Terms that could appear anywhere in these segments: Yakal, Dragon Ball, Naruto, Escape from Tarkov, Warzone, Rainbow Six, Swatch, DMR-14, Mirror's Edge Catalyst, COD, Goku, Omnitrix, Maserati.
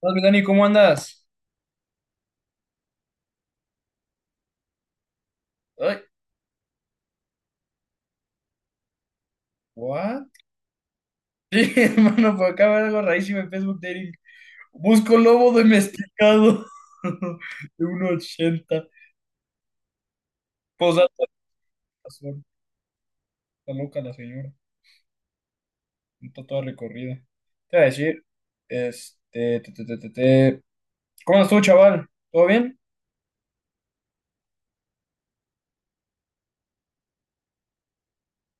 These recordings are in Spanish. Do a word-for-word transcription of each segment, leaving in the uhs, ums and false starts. Hola, mi Dani, ¿cómo andas? Ay, ¿what? Sí, hermano, por acá veo algo rarísimo en Facebook Dating. Busco lobo domesticado de uno ochenta. Posata azul. Está loca la señora. Está toda recorrida. Te voy a decir, este, te, te, te, te, te. ¿Cómo andas tú, chaval? ¿Todo bien?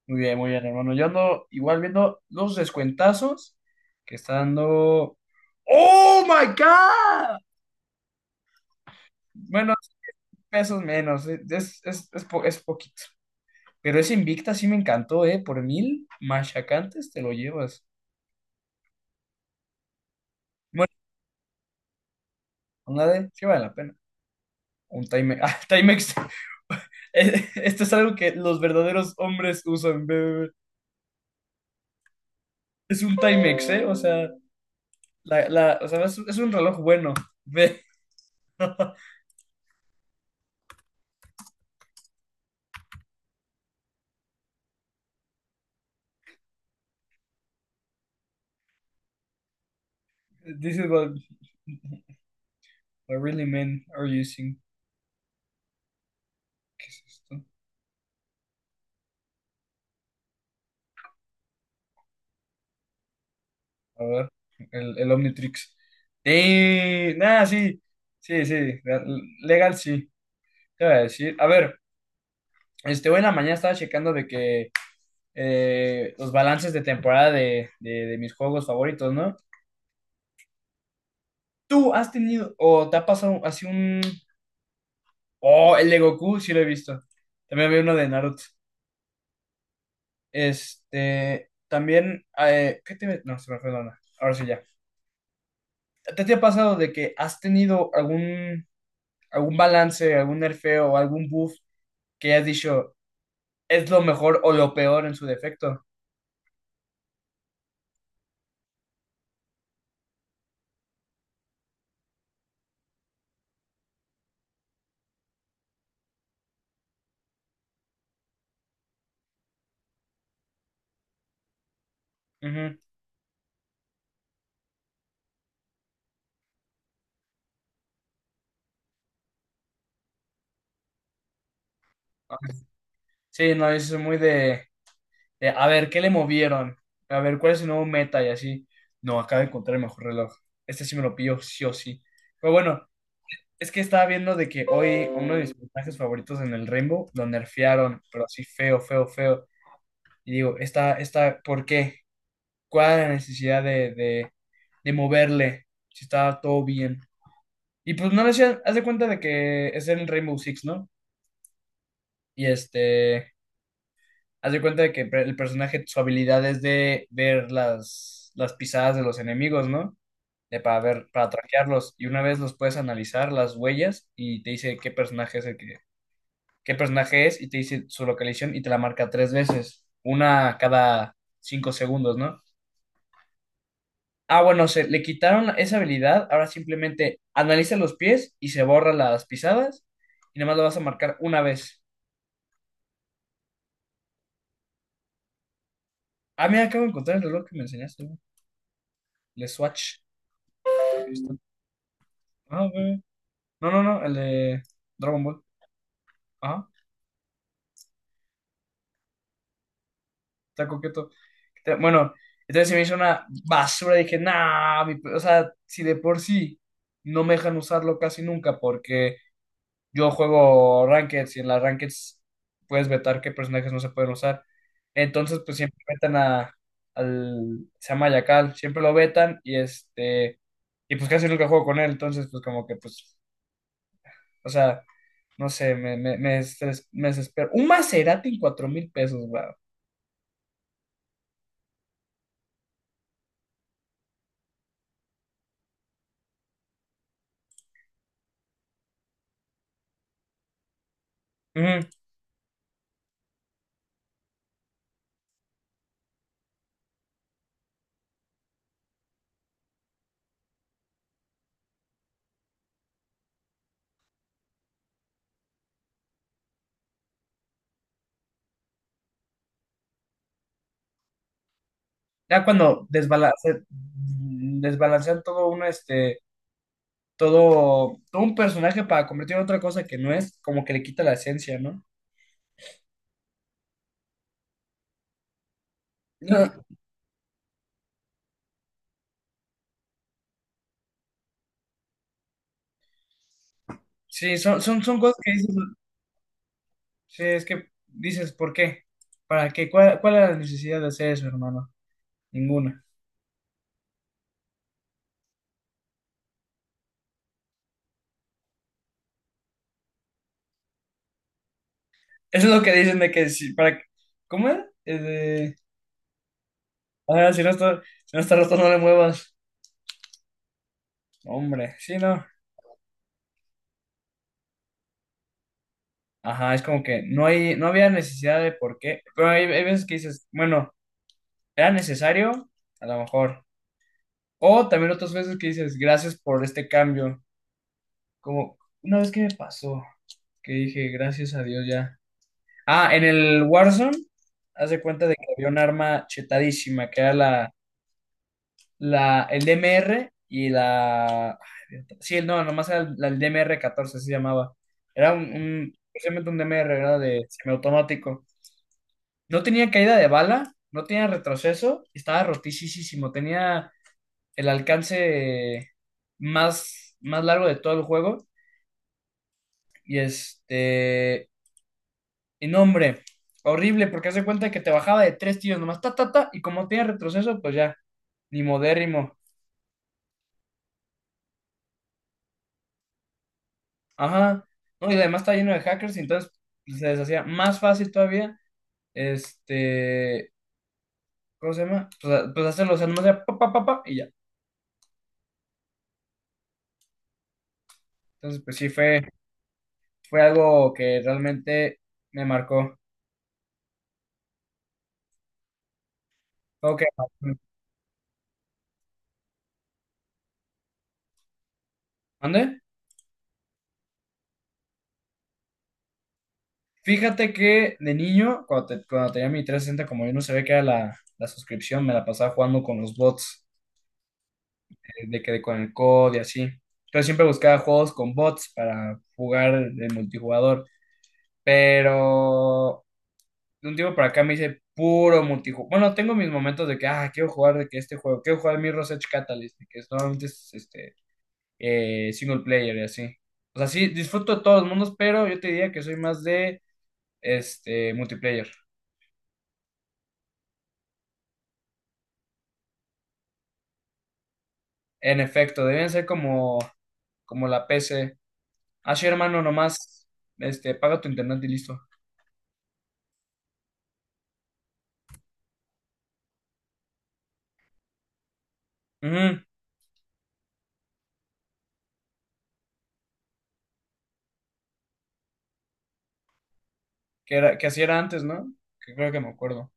Muy bien, muy bien, hermano. Yo ando igual viendo los descuentazos que está dando. ¡Oh, my God! Bueno, pesos menos. Es, es, es, es po- es poquito. Pero ese Invicta sí me encantó, ¿eh? Por mil machacantes te lo llevas. Bueno, una de, sí vale la pena. Un Timex. Ah, Timex. Eh, Esto es algo que los verdaderos hombres usan, ve. Es un Timex, ¿eh? O sea, la, la, o sea, es, es un reloj bueno, ve. This is what, what really men are using. ¿Qué es esto? A ver, el, el Omnitrix. Eh, nada, sí. Sí, sí. Legal, sí. Te voy a decir. A ver. Este, hoy en la mañana estaba checando de que eh, los balances de temporada de, de- de mis juegos favoritos, ¿no? ¿Tú has tenido o te ha pasado así un... Oh, el de Goku, sí lo he visto. También había uno de Naruto. Este, también... eh, ¿qué te... No, se me fue la onda. Ahora sí ya. ¿Te, te ha pasado de que has tenido algún, algún balance, algún nerfeo o algún buff que has dicho es lo mejor o lo peor en su defecto? Ujú. Sí, no, eso es muy de, Eh, a ver, ¿qué le movieron? A ver, ¿cuál es su nuevo meta? Y así. No, acabo de encontrar el mejor reloj. Este sí me lo pillo, sí o sí. Pero bueno, es que estaba viendo de que hoy uno de mis personajes favoritos en el Rainbow lo nerfearon, pero así feo, feo, feo. Y digo, esta, esta, ¿por qué? ¿Cuál es la necesidad de, de, de moverle? Si estaba todo bien. Y pues no le hacían, haz de cuenta de que es en Rainbow Six, ¿no? Y este, haz de cuenta de que pre- el personaje, su habilidad es de ver las, las pisadas de los enemigos, ¿no? De para ver, para traquearlos. Y una vez los puedes analizar, las huellas, y te dice qué personaje es el que, qué personaje es, y te dice su localización y te la marca tres veces, una cada cinco segundos, ¿no? Ah, bueno, se le quitaron esa habilidad, ahora simplemente analiza los pies y se borra las pisadas, y nada más lo vas a marcar una vez. Ah, mira, acabo de encontrar el reloj que me enseñaste, güey. El Swatch. Ah, güey. No, no, no, el de Dragon Ball. Ajá, está coqueto. Está- Bueno, entonces se me hizo una basura. Dije, nah, mi pe-". O sea, si de por sí no me dejan usarlo casi nunca porque yo juego Rankeds y en las Rankeds puedes vetar qué personajes no se pueden usar. Entonces, pues siempre vetan a, al, se llama Yakal, siempre lo vetan y este, y pues casi nunca juego con él. Entonces, pues como que, pues, o sea, no sé, me, me, me, estres- me desespero. Un Maserati en cuatro mil pesos, güey. Ujú. Ya cuando desbalance, desbalancean todo un, este, todo, todo un personaje para convertirlo en otra cosa que no es, como que le quita la esencia, ¿no? No. Sí, son, son, son cosas que dices, sí, es que dices, ¿por qué? ¿Para qué? ¿Cuál, cuál era la necesidad de hacer eso, hermano? Ninguna. Eso es lo que dicen de que si, para, ¿cómo era? Eh, de- ah, si no está, si no está roto, no le muevas. Hombre, sí, no. Ajá, es como que no hay, no había necesidad de por qué, pero hay, hay veces que dices, bueno. ¿Era necesario? A lo mejor. O también otras veces que dices, gracias por este cambio. Como una vez que me pasó, que dije, gracias a Dios ya. Ah, en el Warzone, haz de cuenta de que había un arma chetadísima, que era la, la, el D M R y la... ay, sí, no, nomás era el, la- el D M R catorce, así se llamaba. Era un, un, precisamente un D M R, era de semiautomático. No tenía caída de bala, no tenía retroceso, estaba rotísimo, tenía el alcance más, más largo de todo el juego. Y este, y no, hombre, horrible, porque hace cuenta que te bajaba de tres tiros nomás, ta, ta, ta, y como tiene retroceso, pues ya, ni modérrimo. Ajá. No, y además está lleno de hackers, y entonces pues, se les hacía más fácil todavía, este, ¿cómo se llama? Pues, a- pues hacerlo, o sea, nomás era pa, pa, pa, pa, y ya. Entonces, pues sí, fue, fue algo que realmente me marcó. Ok, ¿mande? Fíjate que de niño, cuando, te- cuando tenía mi trescientos sesenta, como yo no sabía que era la, la suscripción, me la pasaba jugando con los bots, eh, de que con el C O D y así. Entonces siempre buscaba juegos con bots para jugar el multijugador. Pero de un tiempo para acá me hice puro multijugador. Bueno, tengo mis momentos de que, ah, quiero jugar de que este juego, quiero jugar Mirror's Edge Catalyst, de que es- normalmente es este, eh, single player y así. O sea, sí, disfruto de todos los mundos, pero yo te diría que soy más de este multiplayer. En efecto, deben ser como, como la P C. Así, hermano, nomás, este, paga tu internet y listo. Ujú, que era, que así era antes, ¿no? Que creo que me acuerdo.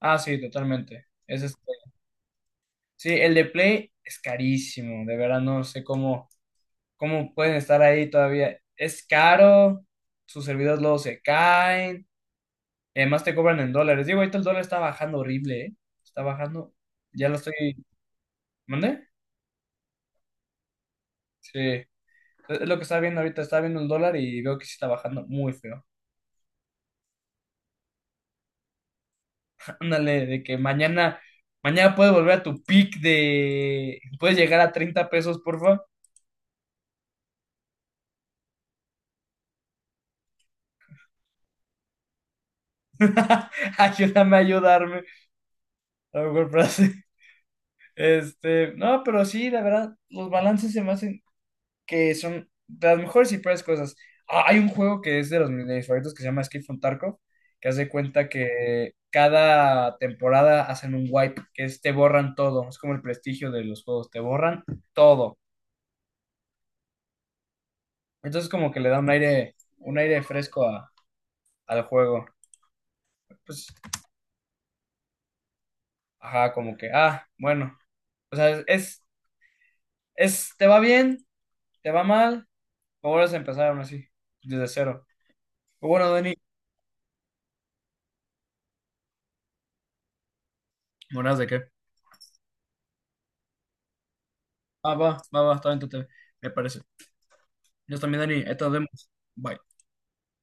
Ah, sí, totalmente. Es este. Sí, el de Play es carísimo, de verdad no sé cómo, cómo pueden estar ahí todavía. Es caro, sus servidores luego se caen, y además te cobran en dólares. Digo, ahorita el dólar está bajando horrible, ¿eh? Está bajando, ya lo estoy, ¿mandé? Sí. Es lo que estaba viendo ahorita, estaba viendo el dólar y veo que sí está bajando muy feo. Ándale, de que mañana, mañana puedes volver a tu peak de, puedes llegar a treinta pesos, porfa. Ayúdame a ayudarme. A lo mejor frase. Este, no, pero sí, la verdad, los balances se me hacen que son de las mejores y peores cosas. Ah, hay un juego que es de los de mis favoritos que se llama Escape from Tarkov, que hace cuenta que cada temporada hacen un wipe, que es te borran todo, es como el prestigio de los juegos, te borran todo. Entonces como que le da un aire, un aire fresco a- al juego. Pues, ajá, como que, ah, bueno, o sea, es, es, te va bien, te va mal, o vuelves a empezar aún así, desde cero. Pero bueno, Dani, ¿buenas de qué? Ah, va, va, va, está bien, tú te- me parece. Yo también, Dani. Ahí te nos vemos. Bye.